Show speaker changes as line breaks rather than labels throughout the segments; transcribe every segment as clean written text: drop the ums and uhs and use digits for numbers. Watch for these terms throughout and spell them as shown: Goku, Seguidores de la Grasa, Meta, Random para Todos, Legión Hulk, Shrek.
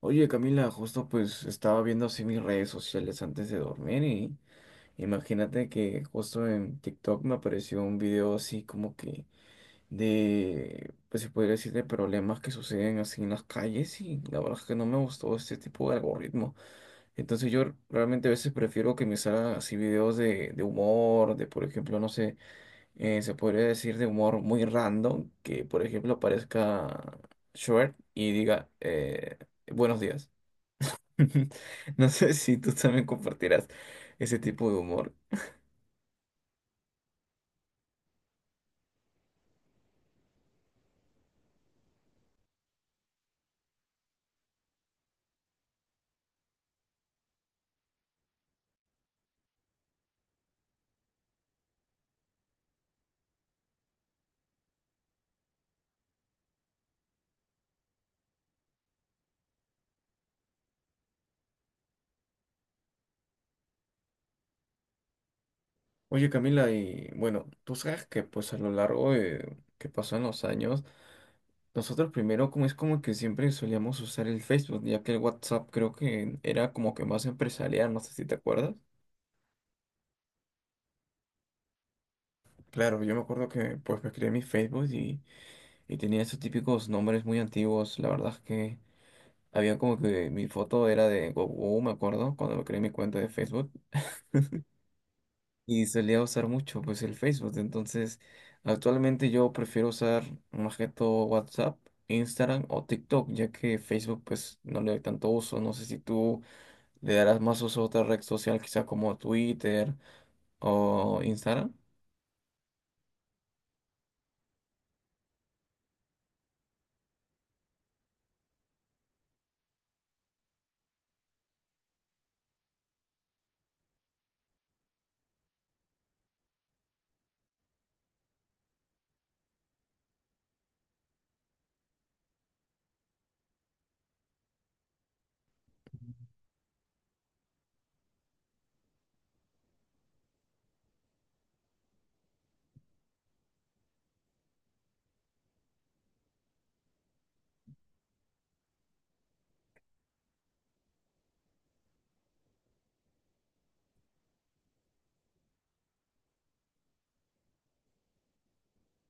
Oye, Camila, justo pues estaba viendo así mis redes sociales antes de dormir y imagínate que justo en TikTok me apareció un video así como que de, pues se podría decir, de problemas que suceden así en las calles, y la verdad es que no me gustó este tipo de algoritmo. Entonces yo realmente a veces prefiero que me salgan así videos de humor, de por ejemplo, no sé, se podría decir de humor muy random, que por ejemplo aparezca Shrek y diga, buenos días. No sé si tú también compartirás ese tipo de humor. Oye, Camila, y bueno, tú sabes que pues a lo largo de que pasan los años, nosotros primero como es como que siempre solíamos usar el Facebook, ya que el WhatsApp creo que era como que más empresarial, no sé si te acuerdas. Claro, yo me acuerdo que pues me creé mi Facebook y tenía esos típicos nombres muy antiguos. La verdad es que había como que mi foto era de Goku, me acuerdo, cuando me creé mi cuenta de Facebook. Y solía usar mucho pues el Facebook. Entonces, actualmente yo prefiero usar más que todo WhatsApp, Instagram o TikTok, ya que Facebook pues no le doy tanto uso. No sé si tú le darás más uso a otra red social, quizá como Twitter o Instagram.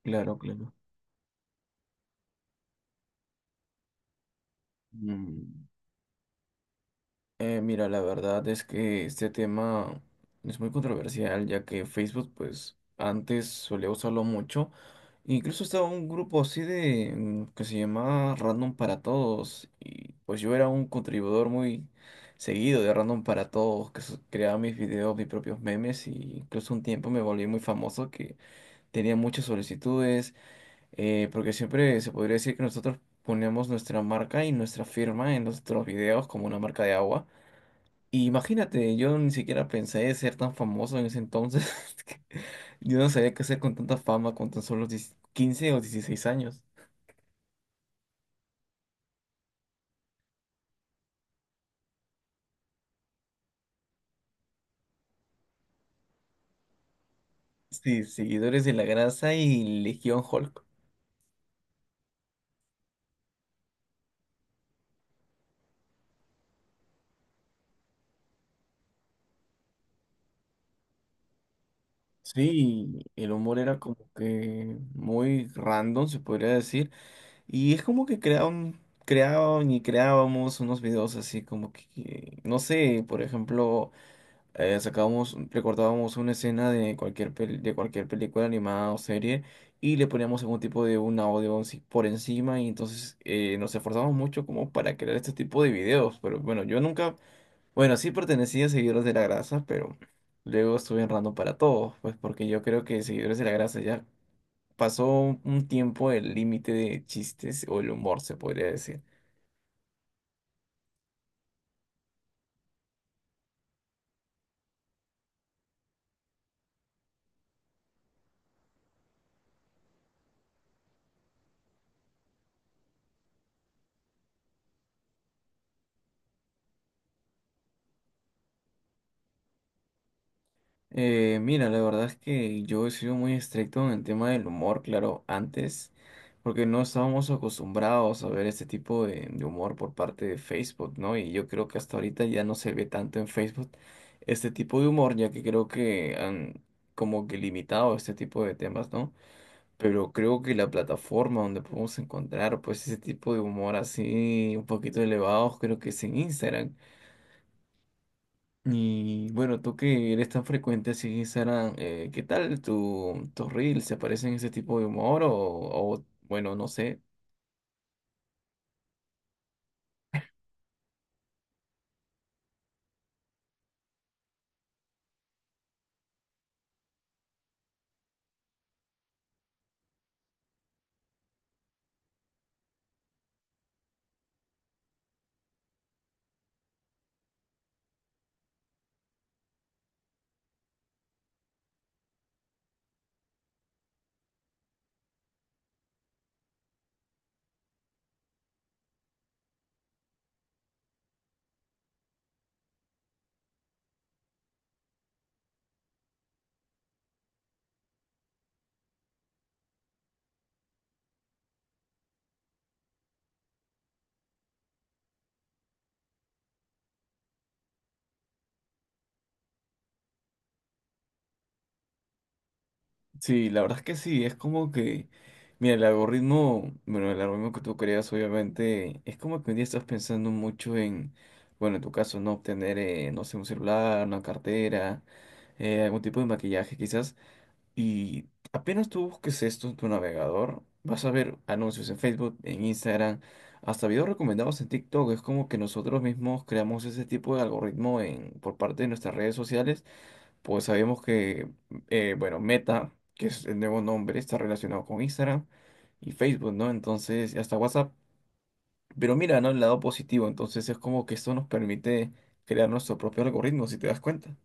Claro, claro. Mm, mira, la verdad es que este tema es muy controversial, ya que Facebook, pues antes solía usarlo mucho. Incluso estaba un grupo así de que se llamaba Random para Todos y pues yo era un contribuidor muy seguido de Random para Todos, que creaba mis videos, mis propios memes, y incluso un tiempo me volví muy famoso que tenía muchas solicitudes, porque siempre se podría decir que nosotros poníamos nuestra marca y nuestra firma en nuestros videos como una marca de agua. Y imagínate, yo ni siquiera pensé ser tan famoso en ese entonces. Yo no sabía qué hacer con tanta fama con tan solo 10, 15 o 16 años. Sí, seguidores de la grasa y Legión Hulk. Sí, el humor era como que muy random, se podría decir. Y es como que creaban, creaban y creábamos unos videos así como que, no sé, por ejemplo. Sacábamos, recortábamos una escena de cualquier, de cualquier película animada o serie, y le poníamos algún tipo de un audio por encima, y entonces nos esforzamos mucho como para crear este tipo de videos, pero bueno, yo nunca, bueno, sí pertenecía a Seguidores de la Grasa, pero luego estuve errando para todos, pues porque yo creo que Seguidores de la Grasa ya pasó un tiempo el límite de chistes o el humor, se podría decir. Mira, la verdad es que yo he sido muy estricto en el tema del humor, claro, antes, porque no estábamos acostumbrados a ver este tipo de humor por parte de Facebook, ¿no? Y yo creo que hasta ahorita ya no se ve tanto en Facebook este tipo de humor, ya que creo que han como que limitado este tipo de temas, ¿no? Pero creo que la plataforma donde podemos encontrar pues ese tipo de humor así un poquito elevado, creo que es en Instagram. Y bueno, tú que eres tan frecuente así en Instagram, ¿qué tal tus reels? ¿Se parecen ese tipo de humor? Bueno, no sé. Sí, la verdad es que sí, es como que, mira, el algoritmo, bueno, el algoritmo que tú creas obviamente, es como que un día estás pensando mucho en, bueno, en tu caso, no obtener, no sé, un celular, una cartera, algún tipo de maquillaje quizás. Y apenas tú busques esto en tu navegador, vas a ver anuncios en Facebook, en Instagram, hasta videos recomendados en TikTok. Es como que nosotros mismos creamos ese tipo de algoritmo en, por parte de nuestras redes sociales. Pues sabemos que, bueno, Meta, que es el nuevo nombre, está relacionado con Instagram y Facebook, ¿no? Entonces, y hasta WhatsApp. Pero mira, ¿no? El lado positivo. Entonces es como que esto nos permite crear nuestro propio algoritmo, si te das cuenta.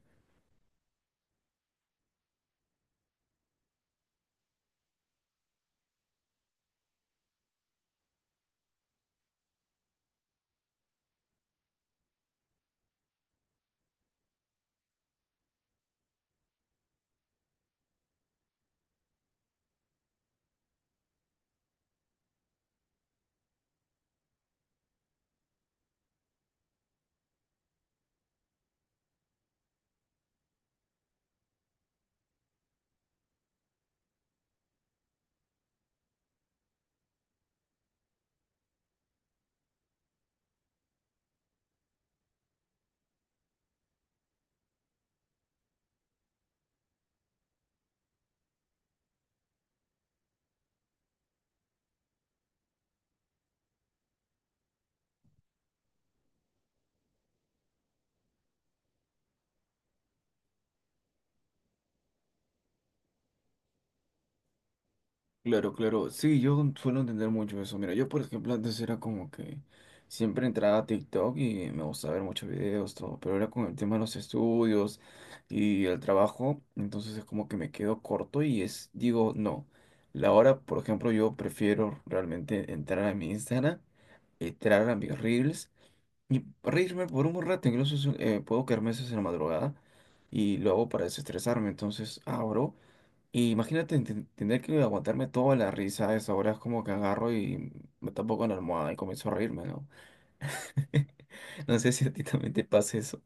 Claro, claro. Sí, yo suelo entender mucho eso. Mira, yo por ejemplo antes era como que siempre entraba a TikTok y me gustaba ver muchos videos, todo, pero ahora con el tema de los estudios y el trabajo, entonces es como que me quedo corto y es, digo, no. La hora, por ejemplo, yo prefiero realmente entrar a mi Instagram, entrar a mis Reels y reírme por un rato, incluso es puedo quedarme a veces en la madrugada, y lo hago para desestresarme, entonces abro. Y imagínate tener que aguantarme toda la risa a esa hora, es como que agarro y me tapo con la almohada y comienzo a reírme, ¿no? No sé si a ti también te pasa eso.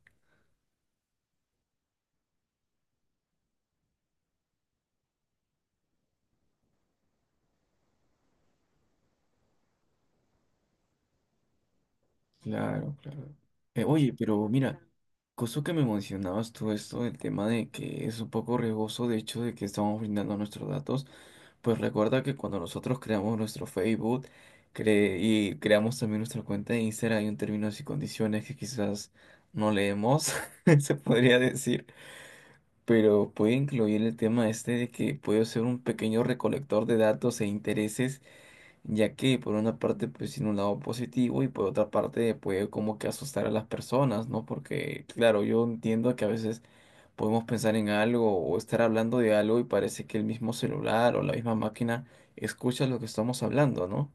Claro, claro. Oye, pero mira, cosa que me mencionabas tú esto del tema de que es un poco riesgoso, de hecho, de que estamos brindando nuestros datos, pues recuerda que cuando nosotros creamos nuestro Facebook y creamos también nuestra cuenta de Instagram, hay un términos y condiciones que quizás no leemos, se podría decir. Pero puede incluir el tema este de que puedo ser un pequeño recolector de datos e intereses, ya que por una parte pues tiene un lado positivo, y por otra parte puede como que asustar a las personas, ¿no? Porque claro, yo entiendo que a veces podemos pensar en algo o estar hablando de algo y parece que el mismo celular o la misma máquina escucha lo que estamos hablando, ¿no?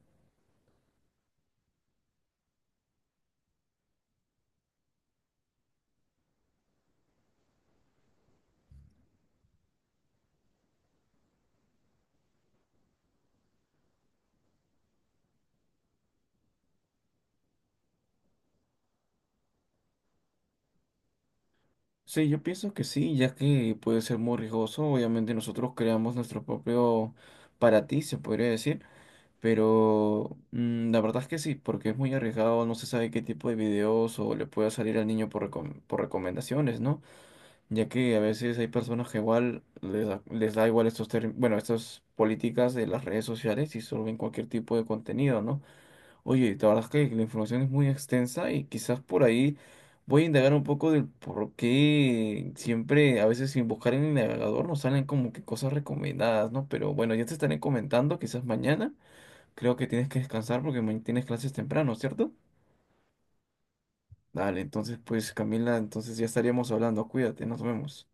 Sí, yo pienso que sí, ya que puede ser muy riesgoso. Obviamente nosotros creamos nuestro propio para ti, se podría decir. Pero mm, la verdad es que sí, porque es muy arriesgado, no se sabe qué tipo de videos o le puede salir al niño por, por recomendaciones, ¿no? Ya que a veces hay personas que igual les da igual estos bueno, estas políticas de las redes sociales, y solo ven cualquier tipo de contenido, ¿no? Oye, la verdad es que la información es muy extensa y quizás por ahí voy a indagar un poco del por qué siempre, a veces sin buscar en el navegador, nos salen como que cosas recomendadas, ¿no? Pero bueno, ya te estaré comentando, quizás mañana. Creo que tienes que descansar porque mañana tienes clases temprano, ¿cierto? Dale, entonces pues Camila, entonces ya estaríamos hablando. Cuídate, nos vemos.